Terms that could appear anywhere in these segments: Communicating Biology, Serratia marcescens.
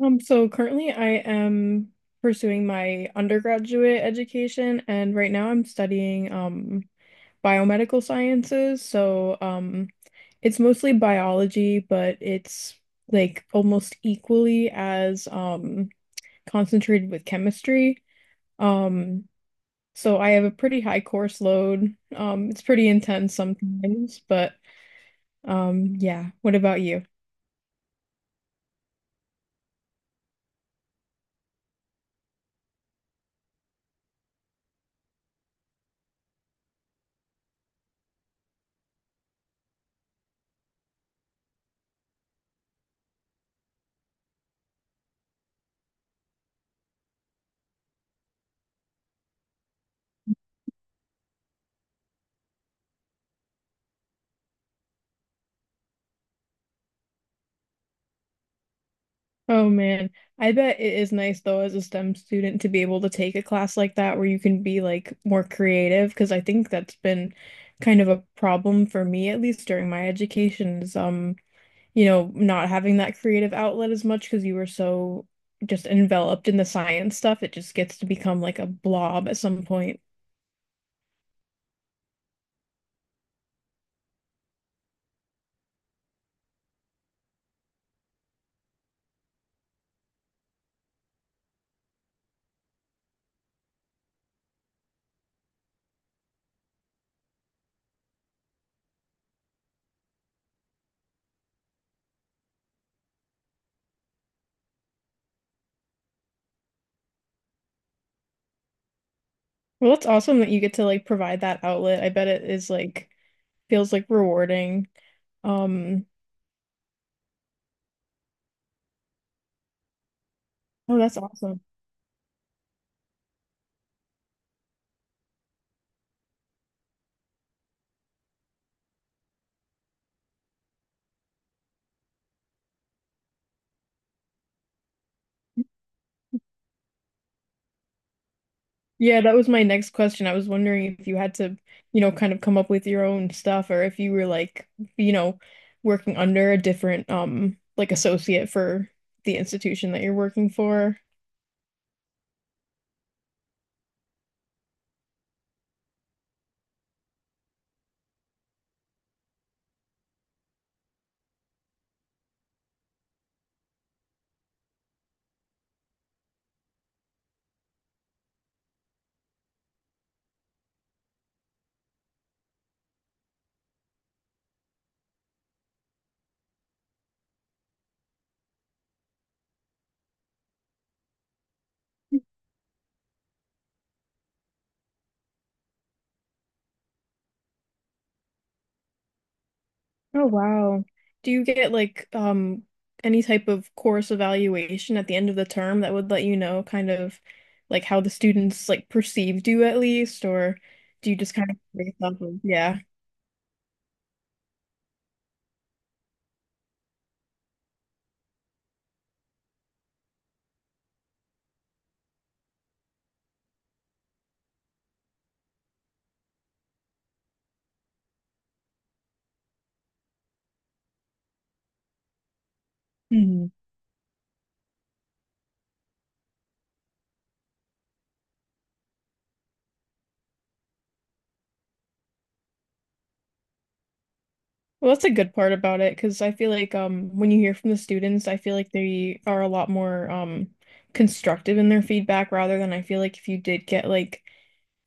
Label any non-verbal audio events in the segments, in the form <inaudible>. So currently I am pursuing my undergraduate education and right now I'm studying biomedical sciences. So it's mostly biology, but it's like almost equally as concentrated with chemistry. Um so I have a pretty high course load. It's pretty intense sometimes, but yeah, what about you? Oh man, I bet it is nice though as a STEM student to be able to take a class like that where you can be like more creative because I think that's been kind of a problem for me at least during my education is you know, not having that creative outlet as much because you were so just enveloped in the science stuff, it just gets to become like a blob at some point. Well, it's awesome that you get to like provide that outlet. I bet it is like feels like rewarding. Um, oh, that's awesome. Yeah, that was my next question. I was wondering if you had to, you know, kind of come up with your own stuff, or if you were like, you know, working under a different like associate for the institution that you're working for. Oh wow. Do you get like any type of course evaluation at the end of the term that would let you know kind of like how the students like perceived you at least, or do you just kind of like, based off of, yeah. Well, that's a good part about it, because I feel like when you hear from the students, I feel like they are a lot more constructive in their feedback, rather than I feel like if you did get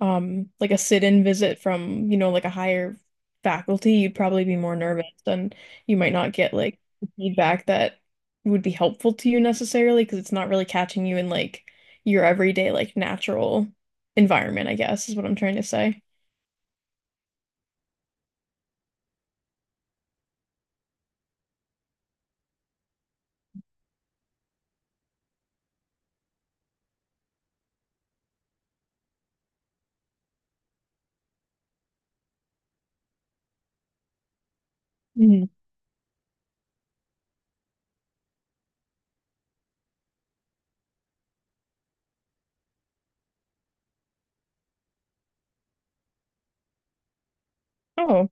like a sit-in visit from, you know, like a higher faculty, you'd probably be more nervous and you might not get like the feedback that would be helpful to you necessarily, because it's not really catching you in like your everyday like natural environment, I guess is what I'm trying to say. Mhm. Oh.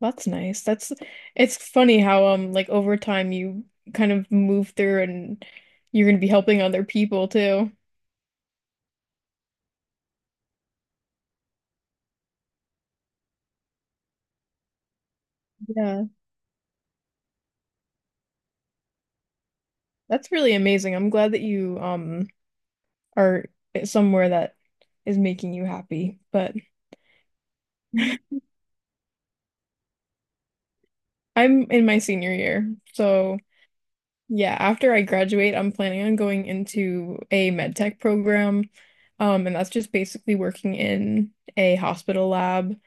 That's nice. That's, it's funny how like over time you kind of move through and you're gonna be helping other people too. Yeah. That's really amazing. I'm glad that you are somewhere that is making you happy. But <laughs> I'm in my senior year, so yeah, after I graduate, I'm planning on going into a med tech program. And that's just basically working in a hospital lab.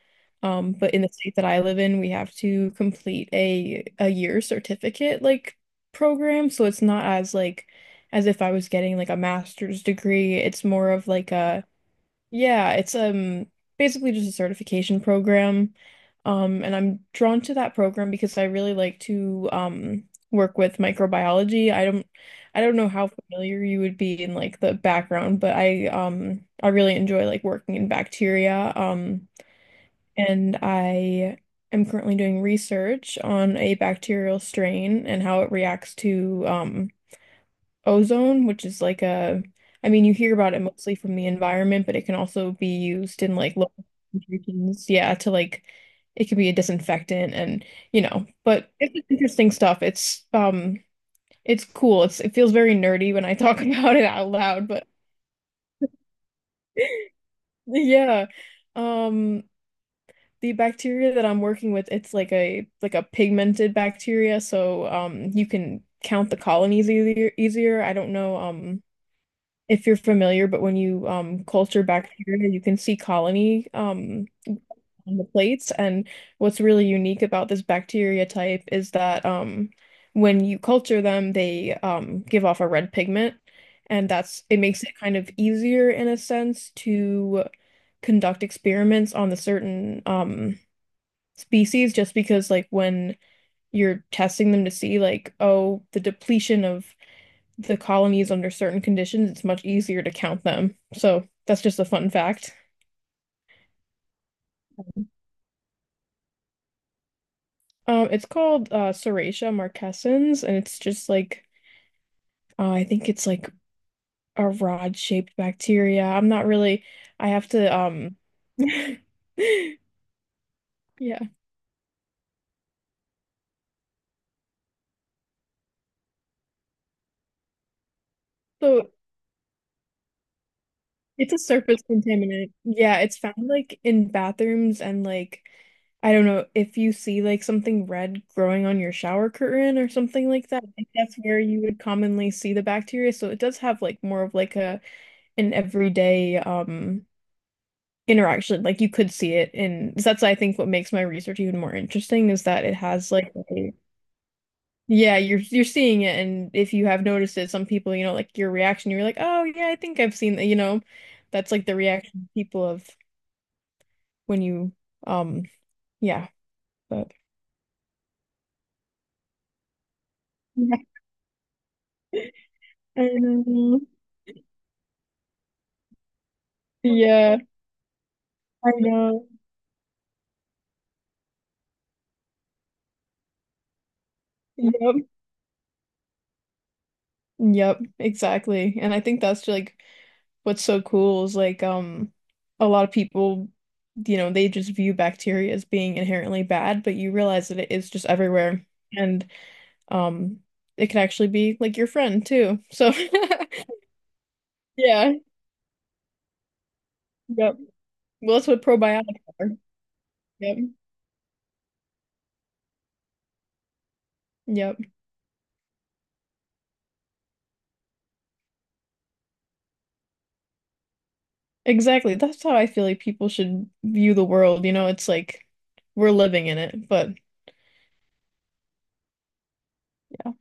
But in the state that I live in, we have to complete a year certificate like program. So it's not as like as if I was getting like a master's degree. It's more of like a, yeah, it's basically just a certification program. And I'm drawn to that program because I really like to work with microbiology. I don't know how familiar you would be in like the background, but I really enjoy like working in bacteria. And I am currently doing research on a bacterial strain and how it reacts to ozone, which is like a, I mean, you hear about it mostly from the environment, but it can also be used in like local concentrations. Yeah, to like, it can be a disinfectant and, you know, but it's just interesting stuff. It's cool. It's, it feels very nerdy when I talk <laughs> about it out loud, but <laughs> yeah. Um, the bacteria that I'm working with, it's like a pigmented bacteria. So, you can count the colonies easier, easier. I don't know, if you're familiar, but when you culture bacteria, you can see colony on the plates. And what's really unique about this bacteria type is that when you culture them, they give off a red pigment, and that's, it makes it kind of easier in a sense to conduct experiments on the certain species, just because like when you're testing them to see like, oh, the depletion of the colonies under certain conditions, it's much easier to count them. So that's just a fun fact. It's called Serratia marquescens, and it's just like I think it's like a rod-shaped bacteria. I'm not really. I have to <laughs> yeah. So it's a surface contaminant. Yeah, it's found like in bathrooms and like, I don't know if you see like something red growing on your shower curtain or something like that. Like that's where you would commonly see the bacteria. So it does have like more of like a an everyday interaction. Like you could see it in, that's I think what makes my research even more interesting is that it has like a- yeah, you're seeing it, and if you have noticed it, some people, you know, like your reaction, you're like, "Oh, yeah, I think I've seen that," you know. That's like the reaction people have when you um yeah, but yeah. <laughs> I know. Yeah. I know. Yep, yep, exactly, and I think that's like what's so cool is like, a lot of people, you know, they just view bacteria as being inherently bad, but you realize that it is just everywhere, and um it can actually be like your friend too, so <laughs> yeah, yep, well, that's what probiotics are. Yep, yep. Exactly. That's how I feel like people should view the world. You know, it's like we're living in it, but yeah,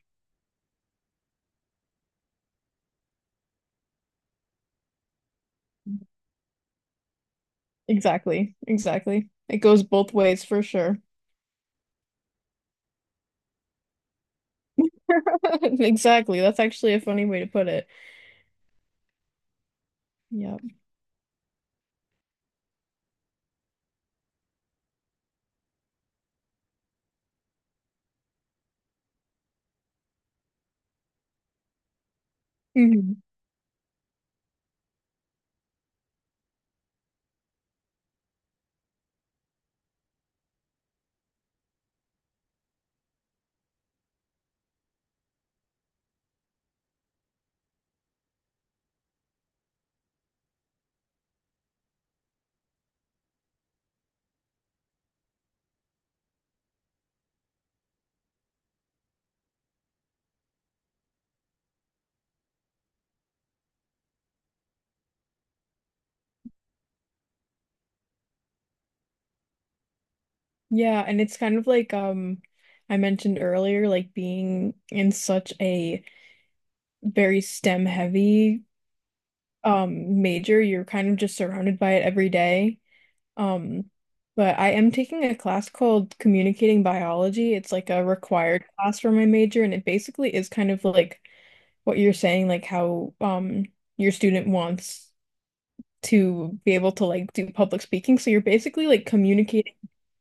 exactly. Exactly. It goes both ways for sure. <laughs> Exactly. That's actually a funny way to put it. Yeah. Mhm. Yeah, and it's kind of like I mentioned earlier, like being in such a very STEM heavy major, you're kind of just surrounded by it every day. Um, but I am taking a class called Communicating Biology. It's like a required class for my major, and it basically is kind of like what you're saying, like how your student wants to be able to like do public speaking. So you're basically like communicating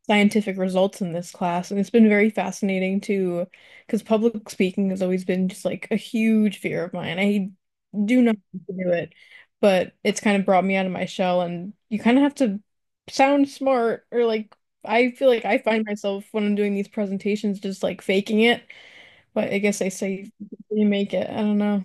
scientific results in this class, and it's been very fascinating to, because public speaking has always been just like a huge fear of mine. I do not want to do it, but it's kind of brought me out of my shell, and you kind of have to sound smart, or like, I feel like I find myself when I'm doing these presentations just like faking it, but I guess they say you make it. I don't know.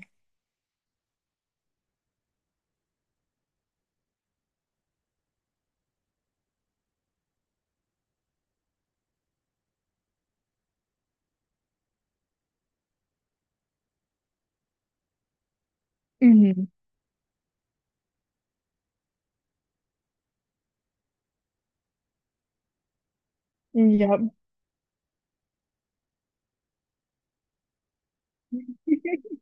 Hmm. Yep. <laughs>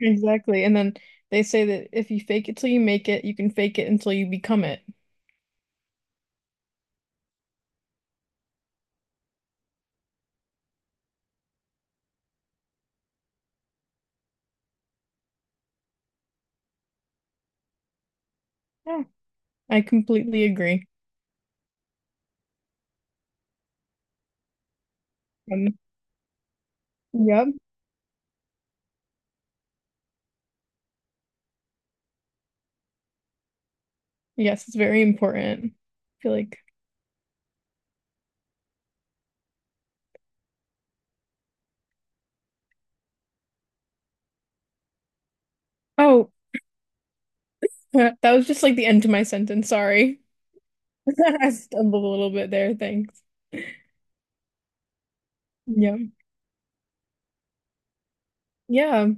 Exactly. And then they say that if you fake it till you make it, you can fake it until you become it. Yeah. I completely agree. Um, yep. Yes, it's very important. I feel like, oh, <laughs> that was just like the end of my sentence. Sorry. <laughs> I stumbled a little bit there. Thanks. Yeah. Yeah.